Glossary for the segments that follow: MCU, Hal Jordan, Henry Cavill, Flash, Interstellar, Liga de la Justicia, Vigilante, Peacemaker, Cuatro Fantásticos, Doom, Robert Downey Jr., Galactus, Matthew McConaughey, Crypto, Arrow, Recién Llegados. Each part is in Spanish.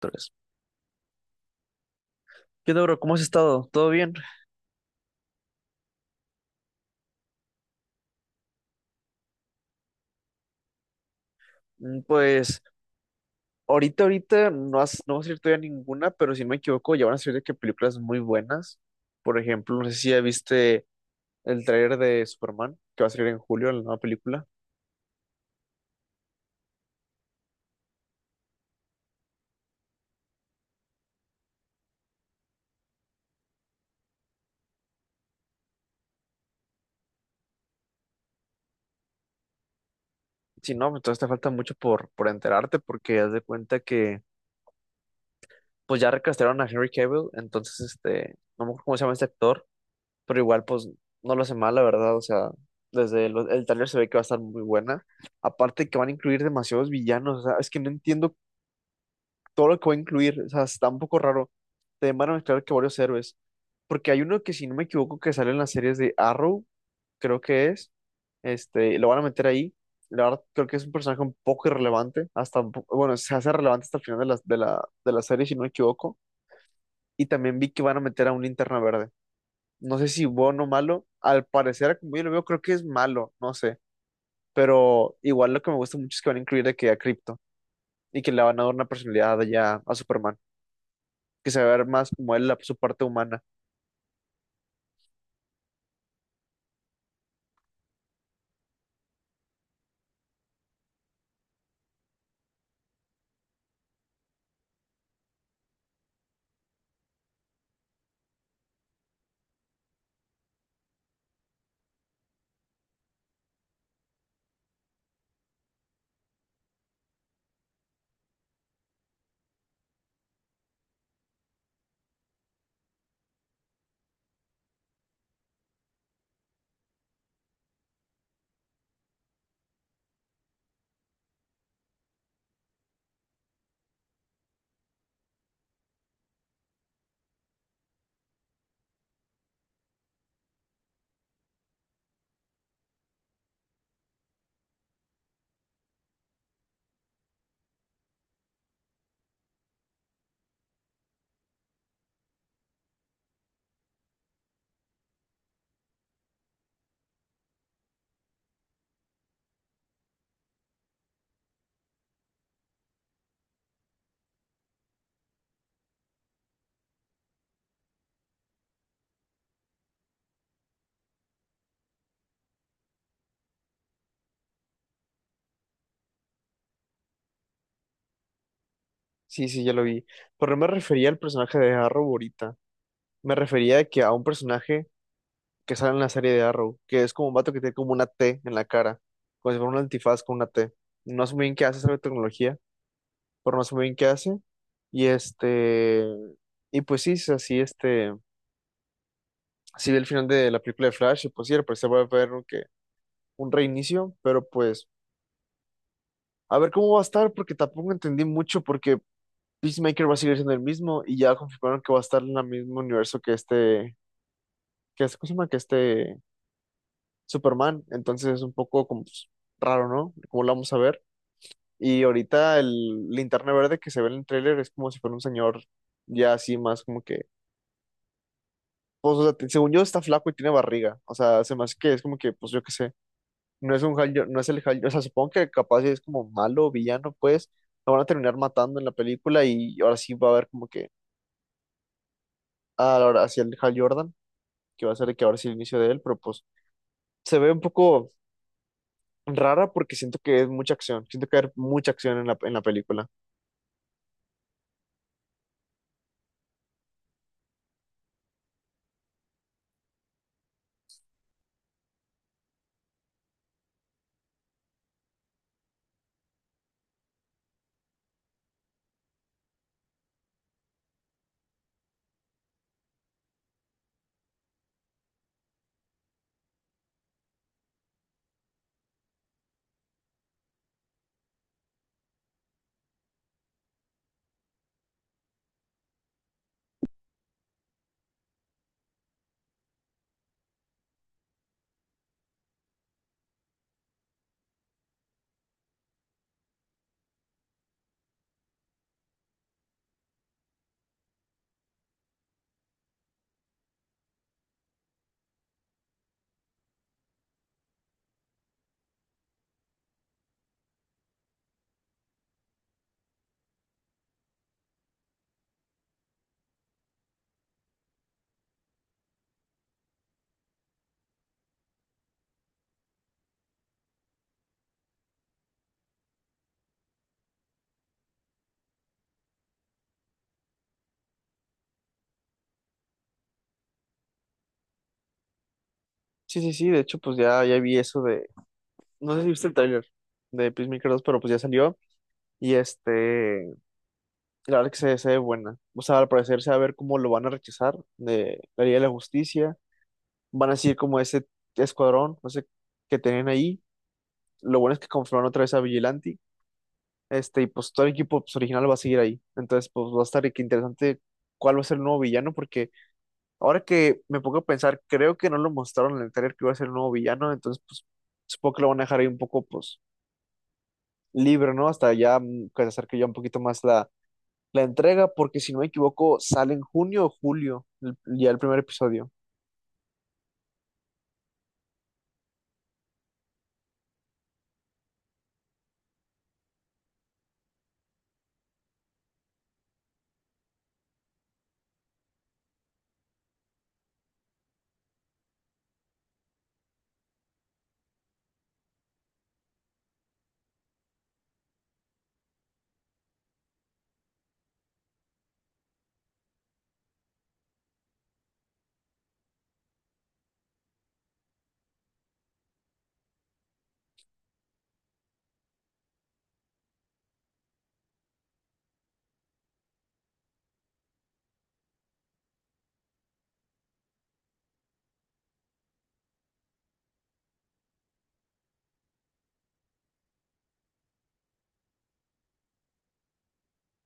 Tres. ¿Qué onda, bro? ¿Cómo has estado? ¿Todo bien? Pues ahorita no va a salir todavía ninguna, pero si no me equivoco, ya van a salir de que películas muy buenas. Por ejemplo, no sé si ya viste el tráiler de Superman, que va a salir en julio, la nueva película. Si no, pues todavía te falta mucho por enterarte, porque haz de cuenta que pues ya recastraron a Henry Cavill, entonces este, no me acuerdo cómo se llama este actor, pero igual pues no lo hace mal, la verdad, o sea, desde el tráiler se ve que va a estar muy buena. Aparte que van a incluir demasiados villanos, o sea, es que no entiendo todo lo que va a incluir, o sea, está un poco raro. Te van a mezclar que varios héroes, porque hay uno que si no me equivoco que sale en las series de Arrow, creo que es, este, lo van a meter ahí. La verdad, creo que es un personaje un poco irrelevante, hasta, bueno, se hace relevante hasta el final de la serie, si no me equivoco. Y también vi que van a meter a un linterna verde, no sé si bueno o malo, al parecer, como yo lo veo, creo que es malo, no sé, pero igual lo que me gusta mucho es que van a incluir de que a Crypto y que le van a dar una personalidad ya a Superman, que se va a ver más como él, su parte humana. Sí, sí, ya lo vi, pero no me refería al personaje de Arrow ahorita, me refería de que a un personaje que sale en la serie de Arrow, que es como un vato que tiene como una T en la cara, como si fuera un antifaz con una T. No sé muy bien qué hace esa tecnología, pero no sé muy bien qué hace. Y este, y pues sí, es así, este, sí vi el final de la película de Flash y pues sí, al parecer va a haber un reinicio, pero pues a ver cómo va a estar porque tampoco entendí mucho porque Peacemaker va a seguir siendo el mismo y ya confirmaron que va a estar en el mismo universo que este, ¿cómo se llama? Que este Superman, entonces es un poco como pues, raro, ¿no? ¿Cómo lo vamos a ver? Y ahorita el linterna verde que se ve en el tráiler es como si fuera un señor ya así más como que, pues o sea, según yo está flaco y tiene barriga, o sea, se me hace que es como que, pues yo qué sé. No es un no es el Hal, o sea, supongo que capaz si es como malo o villano, pues lo van a terminar matando en la película y ahora sí va a haber como que, ah, ahora hacia el Hal Jordan, que va a ser el que ahora sí el inicio de él, pero pues se ve un poco rara porque siento que es mucha acción, siento que hay mucha acción en la película. Sí, sí, sí, de hecho pues ya vi eso de, no sé si viste el trailer de Peacemaker 2 pero pues ya salió y este, la verdad que se ve buena, o sea, al parecer se va a ver cómo lo van a rechazar de la Liga de la Justicia, van a seguir como ese escuadrón, no sé, que tenían ahí. Lo bueno es que conformaron otra vez a Vigilante, este, y pues todo el equipo pues, original va a seguir ahí. Entonces, pues va a estar de que interesante cuál va a ser el nuevo villano, porque ahora que me pongo a pensar, creo que no lo mostraron en el trailer que iba a ser el nuevo villano, entonces, pues supongo que lo van a dejar ahí un poco, pues, libre, ¿no? Hasta ya, que se acerque ya un poquito más la entrega, porque si no me equivoco, sale en junio o julio, ya el primer episodio.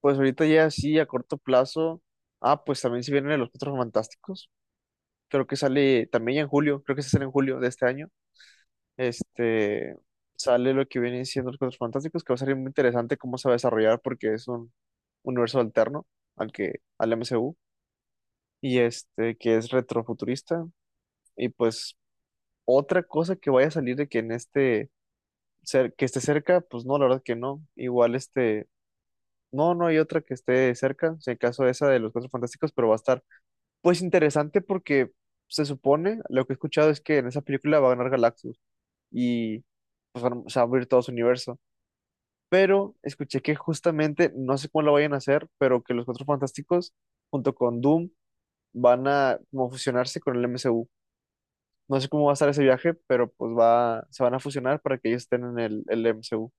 Pues ahorita ya sí, a corto plazo. Ah, pues también se vienen los Cuatro Fantásticos. Creo que sale también ya en julio, creo que se sale en julio de este año. Este, sale lo que viene siendo los Cuatro Fantásticos, que va a ser muy interesante cómo se va a desarrollar porque es un universo alterno al que, al MCU, y este, que es retrofuturista. Y pues otra cosa que vaya a salir de que en este, que esté cerca, pues no, la verdad que no. Igual este, no, no hay otra que esté cerca, si en caso esa de los Cuatro Fantásticos, pero va a estar pues interesante porque se supone, lo que he escuchado es que en esa película va a ganar Galactus y pues, se va a abrir todo su universo. Pero escuché que justamente, no sé cómo lo vayan a hacer, pero que los Cuatro Fantásticos junto con Doom van a como fusionarse con el MCU. No sé cómo va a estar ese viaje, pero pues va, se van a fusionar para que ellos estén en el MCU.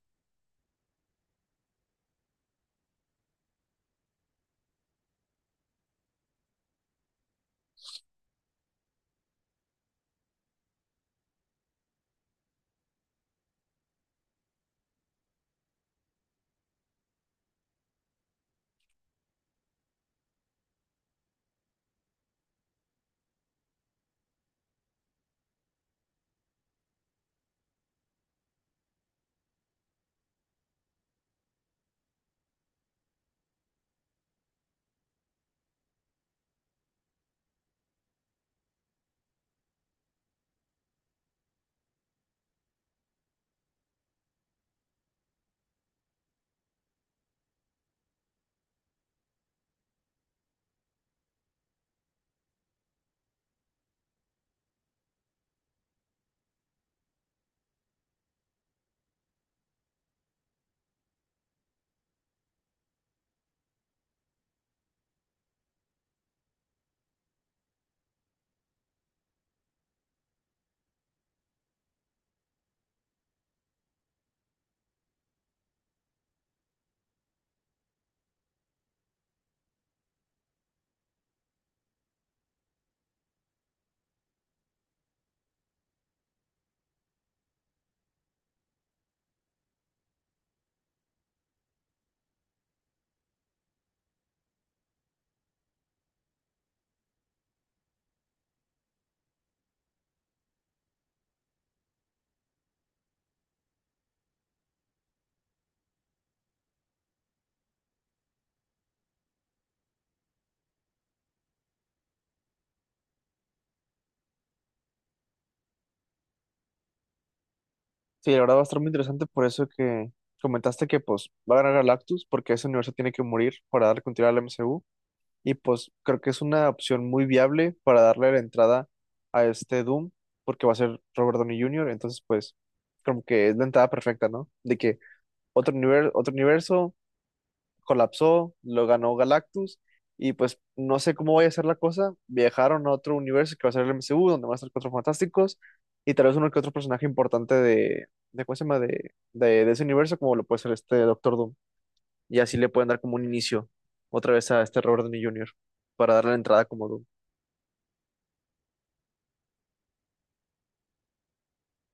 Sí, la verdad va a estar muy interesante por eso que comentaste que pues va a ganar Galactus porque ese universo tiene que morir para dar continuidad al MCU. Y pues creo que es una opción muy viable para darle la entrada a este Doom, porque va a ser Robert Downey Jr., entonces pues como que es la entrada perfecta, ¿no? De que otro universo colapsó, lo ganó Galactus, y pues no sé cómo vaya a ser la cosa, viajaron a otro universo que va a ser el MCU, donde van a estar cuatro fantásticos, y tal vez uno que otro personaje importante de ¿cómo se llama? De ese universo, como lo puede ser este Doctor Doom y así le pueden dar como un inicio otra vez a este Robert Downey Jr. para darle la entrada como Doom.